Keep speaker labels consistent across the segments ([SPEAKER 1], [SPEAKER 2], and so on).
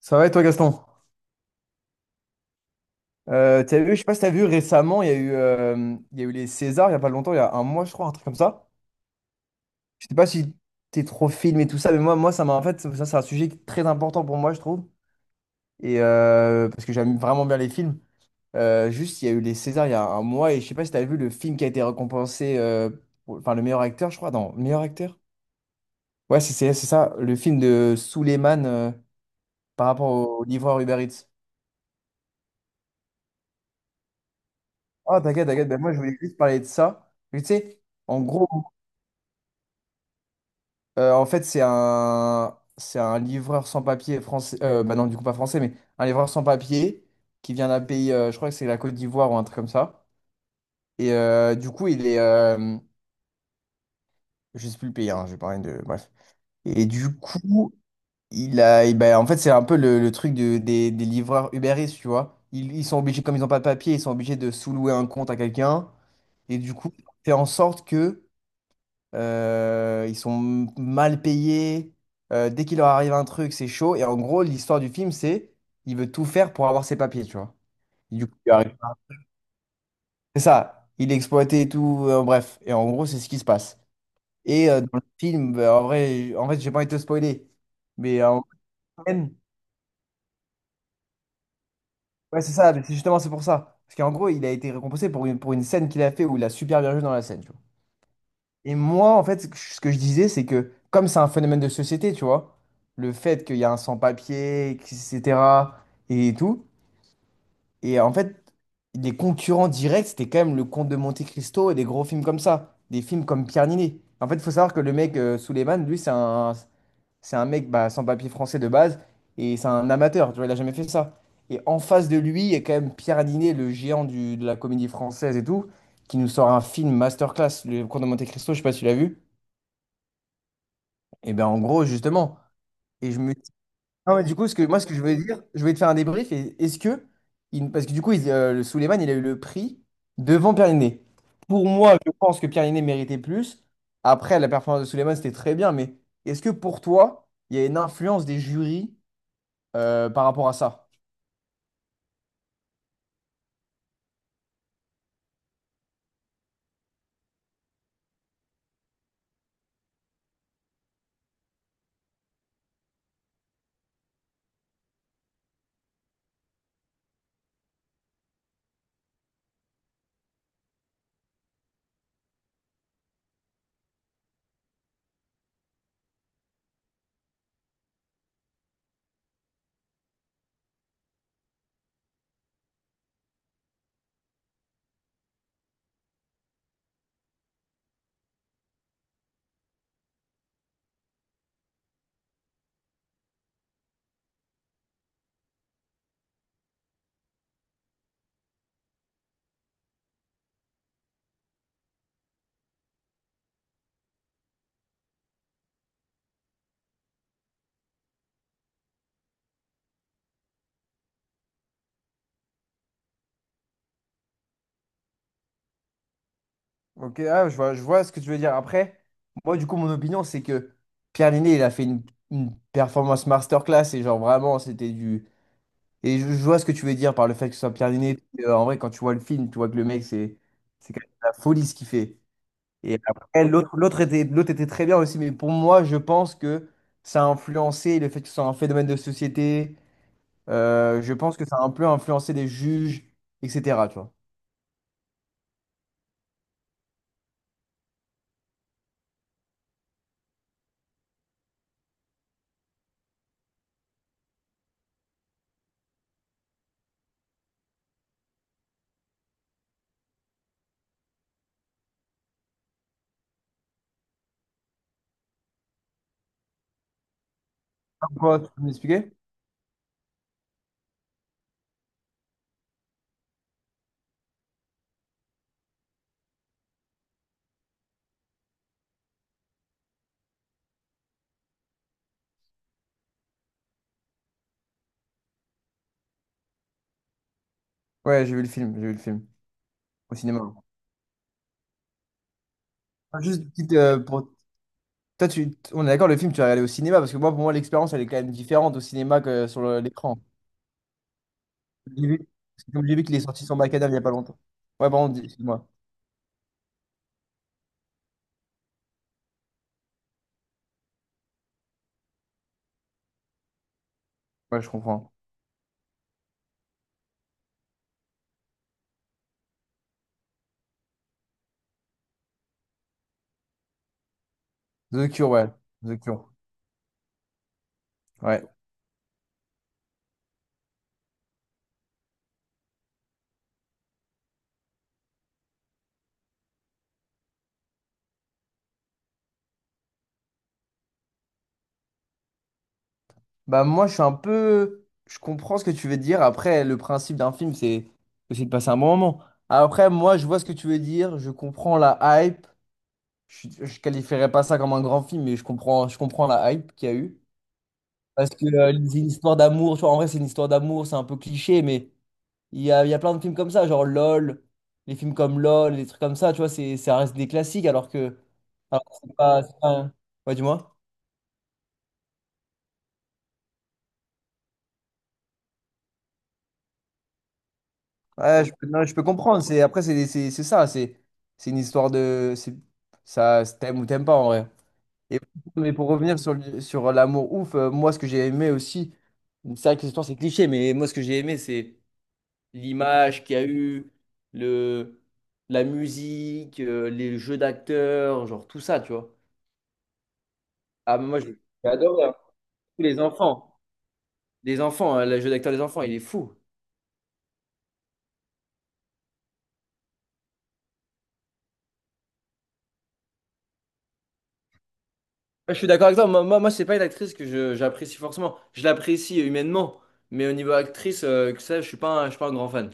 [SPEAKER 1] Ça va et toi, Gaston? T'as vu, je sais pas si t'as vu récemment, il y a eu, il y a eu les Césars il y a pas longtemps, il y a un mois, je crois, un truc comme ça. Je sais pas si t'es trop film et tout ça, mais moi ça m'a en fait, ça, c'est un sujet qui est très important pour moi, je trouve. Et parce que j'aime vraiment bien les films. Juste, il y a eu les Césars il y a un mois et je sais pas si t'as vu le film qui a été récompensé, enfin, le meilleur acteur, je crois, non, le meilleur acteur? Ouais, c'est ça, le film de Souleymane par rapport au livreur Uber Eats. Ah, t'inquiète, t'inquiète, ben moi, je voulais juste parler de ça. Mais tu sais, en gros, en fait, c'est un livreur sans papier français. Bah non, du coup, pas français, mais un livreur sans papier qui vient d'un pays, je crois que c'est la Côte d'Ivoire ou un truc comme ça. Et du coup, il est. Je sais plus le pays, hein, je vais parler de. Bref. Et du coup, il a. Et ben, en fait, c'est un peu le truc des livreurs Uber Eats, tu vois. Ils sont obligés, comme ils n'ont pas de papier, ils sont obligés de sous-louer un compte à quelqu'un. Et du coup, fait en sorte que. Ils sont mal payés. Dès qu'il leur arrive un truc, c'est chaud. Et en gros, l'histoire du film, c'est il veut tout faire pour avoir ses papiers, tu vois. Et du coup, il arrive. C'est ça. Il est exploité et tout. Bref. Et en gros, c'est ce qui se passe. Et dans le film, bah, en vrai, en fait, j'ai pas envie de te spoiler. Mais scène- ouais, c'est ça. Mais c'est justement, c'est pour ça. Parce qu'en gros, il a été récompensé pour une scène qu'il a fait où il a super bien joué dans la scène, tu vois. Et moi, en fait, ce que je disais, c'est que comme c'est un phénomène de société, tu vois, le fait qu'il y a un sans-papier, etc., et tout, et en fait, les concurrents directs, c'était quand même le Comte de Monte-Cristo et des gros films comme ça, des films comme Pierre Niney. En fait, il faut savoir que le mec, Suleiman, lui, c'est un mec bah, sans-papier français de base, et c'est un amateur, tu vois, il a jamais fait ça. Et en face de lui, il y a quand même Pierre Niney, le géant du, de la comédie française et tout, qui nous sort un film masterclass, le Comte de Monte-Cristo, je sais pas si tu l'as vu. Et ben en gros, justement. Et je me dis, ah ouais, du coup, ce que, moi, ce que je veux dire, je vais te faire un débrief. Et est-ce que, parce que du coup, le Souleymane, il a eu le prix devant Pierre Linné. Pour moi, je pense que Pierre Linné méritait plus. Après, la performance de Souleymane, c'était très bien. Mais est-ce que pour toi, il y a une influence des jurys par rapport à ça? Ok, ah, je vois ce que tu veux dire. Après, moi, du coup, mon opinion, c'est que Pierre Linné, il a fait une performance masterclass et genre vraiment, c'était du. Et je vois ce que tu veux dire par le fait que ce soit Pierre Niney. En vrai, quand tu vois le film, tu vois que le mec, c'est quand même la folie ce qu'il fait. Et après, l'autre était très bien aussi, mais pour moi, je pense que ça a influencé le fait que ce soit un phénomène de société. Je pense que ça a un peu influencé les juges, etc. Tu vois. Pourquoi? Tu peux m'expliquer? Ouais, j'ai vu le film, j'ai vu le film au cinéma. Juste une petite, Toi, tu... on est d'accord, le film, tu l'as regardé au cinéma, parce que moi, pour moi, l'expérience, elle est quand même différente au cinéma que sur l'écran. J'ai vu- C'est comme j'ai vu qu'il est sorti sur Macadam il n'y a pas longtemps. Ouais, pardon, excuse-moi. Ouais, je comprends. The Cure, ouais. The Cure. Ouais. Bah, moi, je suis un peu. Je comprends ce que tu veux dire. Après, le principe d'un film, c'est aussi de passer un bon moment. Après, moi, je vois ce que tu veux dire. Je comprends la hype. Je qualifierais pas ça comme un grand film, mais je comprends la hype qu'il y a eu. Parce que c'est une histoire d'amour. Tu vois, en vrai, c'est une histoire d'amour. C'est un peu cliché, mais il y a plein de films comme ça, genre LOL, les films comme LOL, les trucs comme ça, tu vois, c'est, ça reste des classiques alors que c'est pas, c'est pas. Ouais, dis-moi. Ouais, je peux, non, je peux comprendre. C'est, après, c'est ça, c'est une histoire de. C'est- Ça, c'est t'aimes ou t'aimes pas en vrai. Et, mais pour revenir sur l'amour ouf, moi, ce que j'ai aimé aussi, c'est vrai que l'histoire, c'est cliché, mais moi, ce que j'ai aimé, c'est l'image qu'il y a eu, le, la musique, les jeux d'acteurs, genre tout ça, tu vois. Ah, mais moi, j'ai adoré, hein. Tous les enfants. Les enfants, hein, le jeu d'acteur des enfants, il est fou. Moi, je suis d'accord avec toi. Moi, c'est pas une actrice que j'apprécie forcément. Je l'apprécie humainement. Mais au niveau actrice, que ça, je suis pas un grand fan.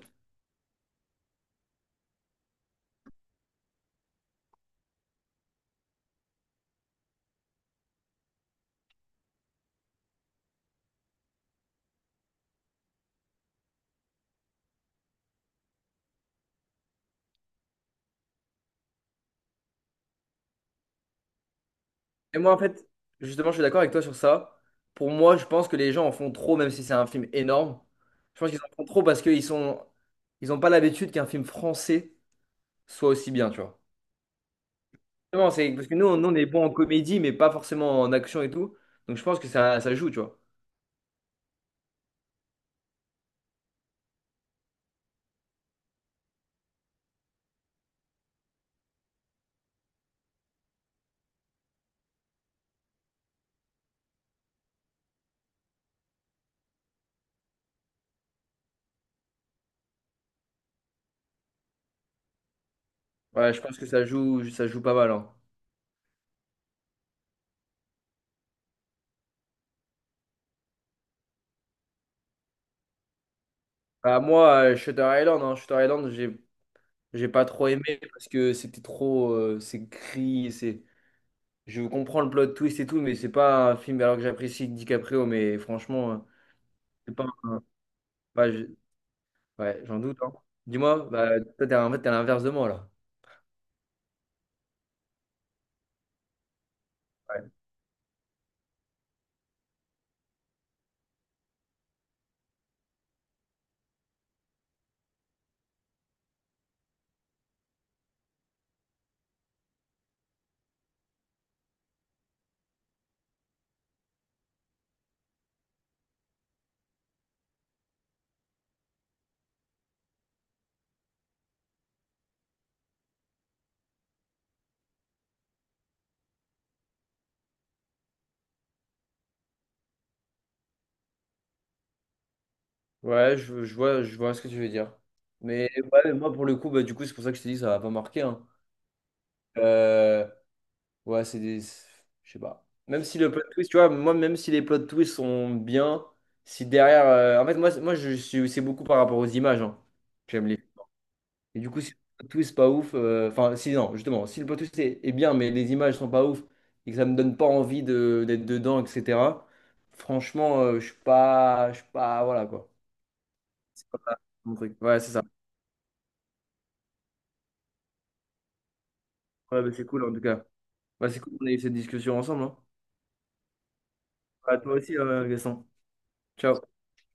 [SPEAKER 1] Et moi, en fait, justement, je suis d'accord avec toi sur ça. Pour moi, je pense que les gens en font trop, même si c'est un film énorme. Je pense qu'ils en font trop parce qu'ils ont pas l'habitude qu'un film français soit aussi bien, tu vois. Vraiment, c'est parce que nous, on est bon en comédie, mais pas forcément en action et tout. Donc, je pense que ça joue, tu vois. Ouais, je pense que ça joue pas mal, hein. Bah, moi, Shutter Island, hein, Shutter Island, j'ai pas trop aimé parce que c'était trop, c'est gris, c'est, je comprends le plot twist et tout, mais c'est pas un film alors que j'apprécie DiCaprio, mais franchement, c'est pas, bah, je- ouais, j'en doute, hein. Dis-moi, bah, toi, t'es en fait, t'es à l'inverse de moi là. Ouais, ouais, je vois ce que tu veux dire. Mais ouais, moi, pour le coup, bah, du coup, c'est pour ça que je te dis, ça va pas marquer, hein. Ouais, c'est des. Je sais pas. Même si le plot twist, tu vois, moi, même si les plot twists sont bien, si derrière. En fait, moi, moi je suis... c'est beaucoup par rapport aux images, hein, que j'aime les. Et du coup, si le plot twist pas ouf. Enfin, si, non, justement, si le plot twist est bien, mais les images sont pas ouf et que ça me donne pas envie de... d'être dedans, etc. Franchement, je suis pas. Je suis pas. Voilà, quoi. C'est pas mon truc. Ouais, c'est ça. Ouais, bah, c'est cool, en tout cas. Bah, c'est cool qu'on ait eu cette discussion ensemble. Hein. Bah, toi aussi, Gaston. Ciao.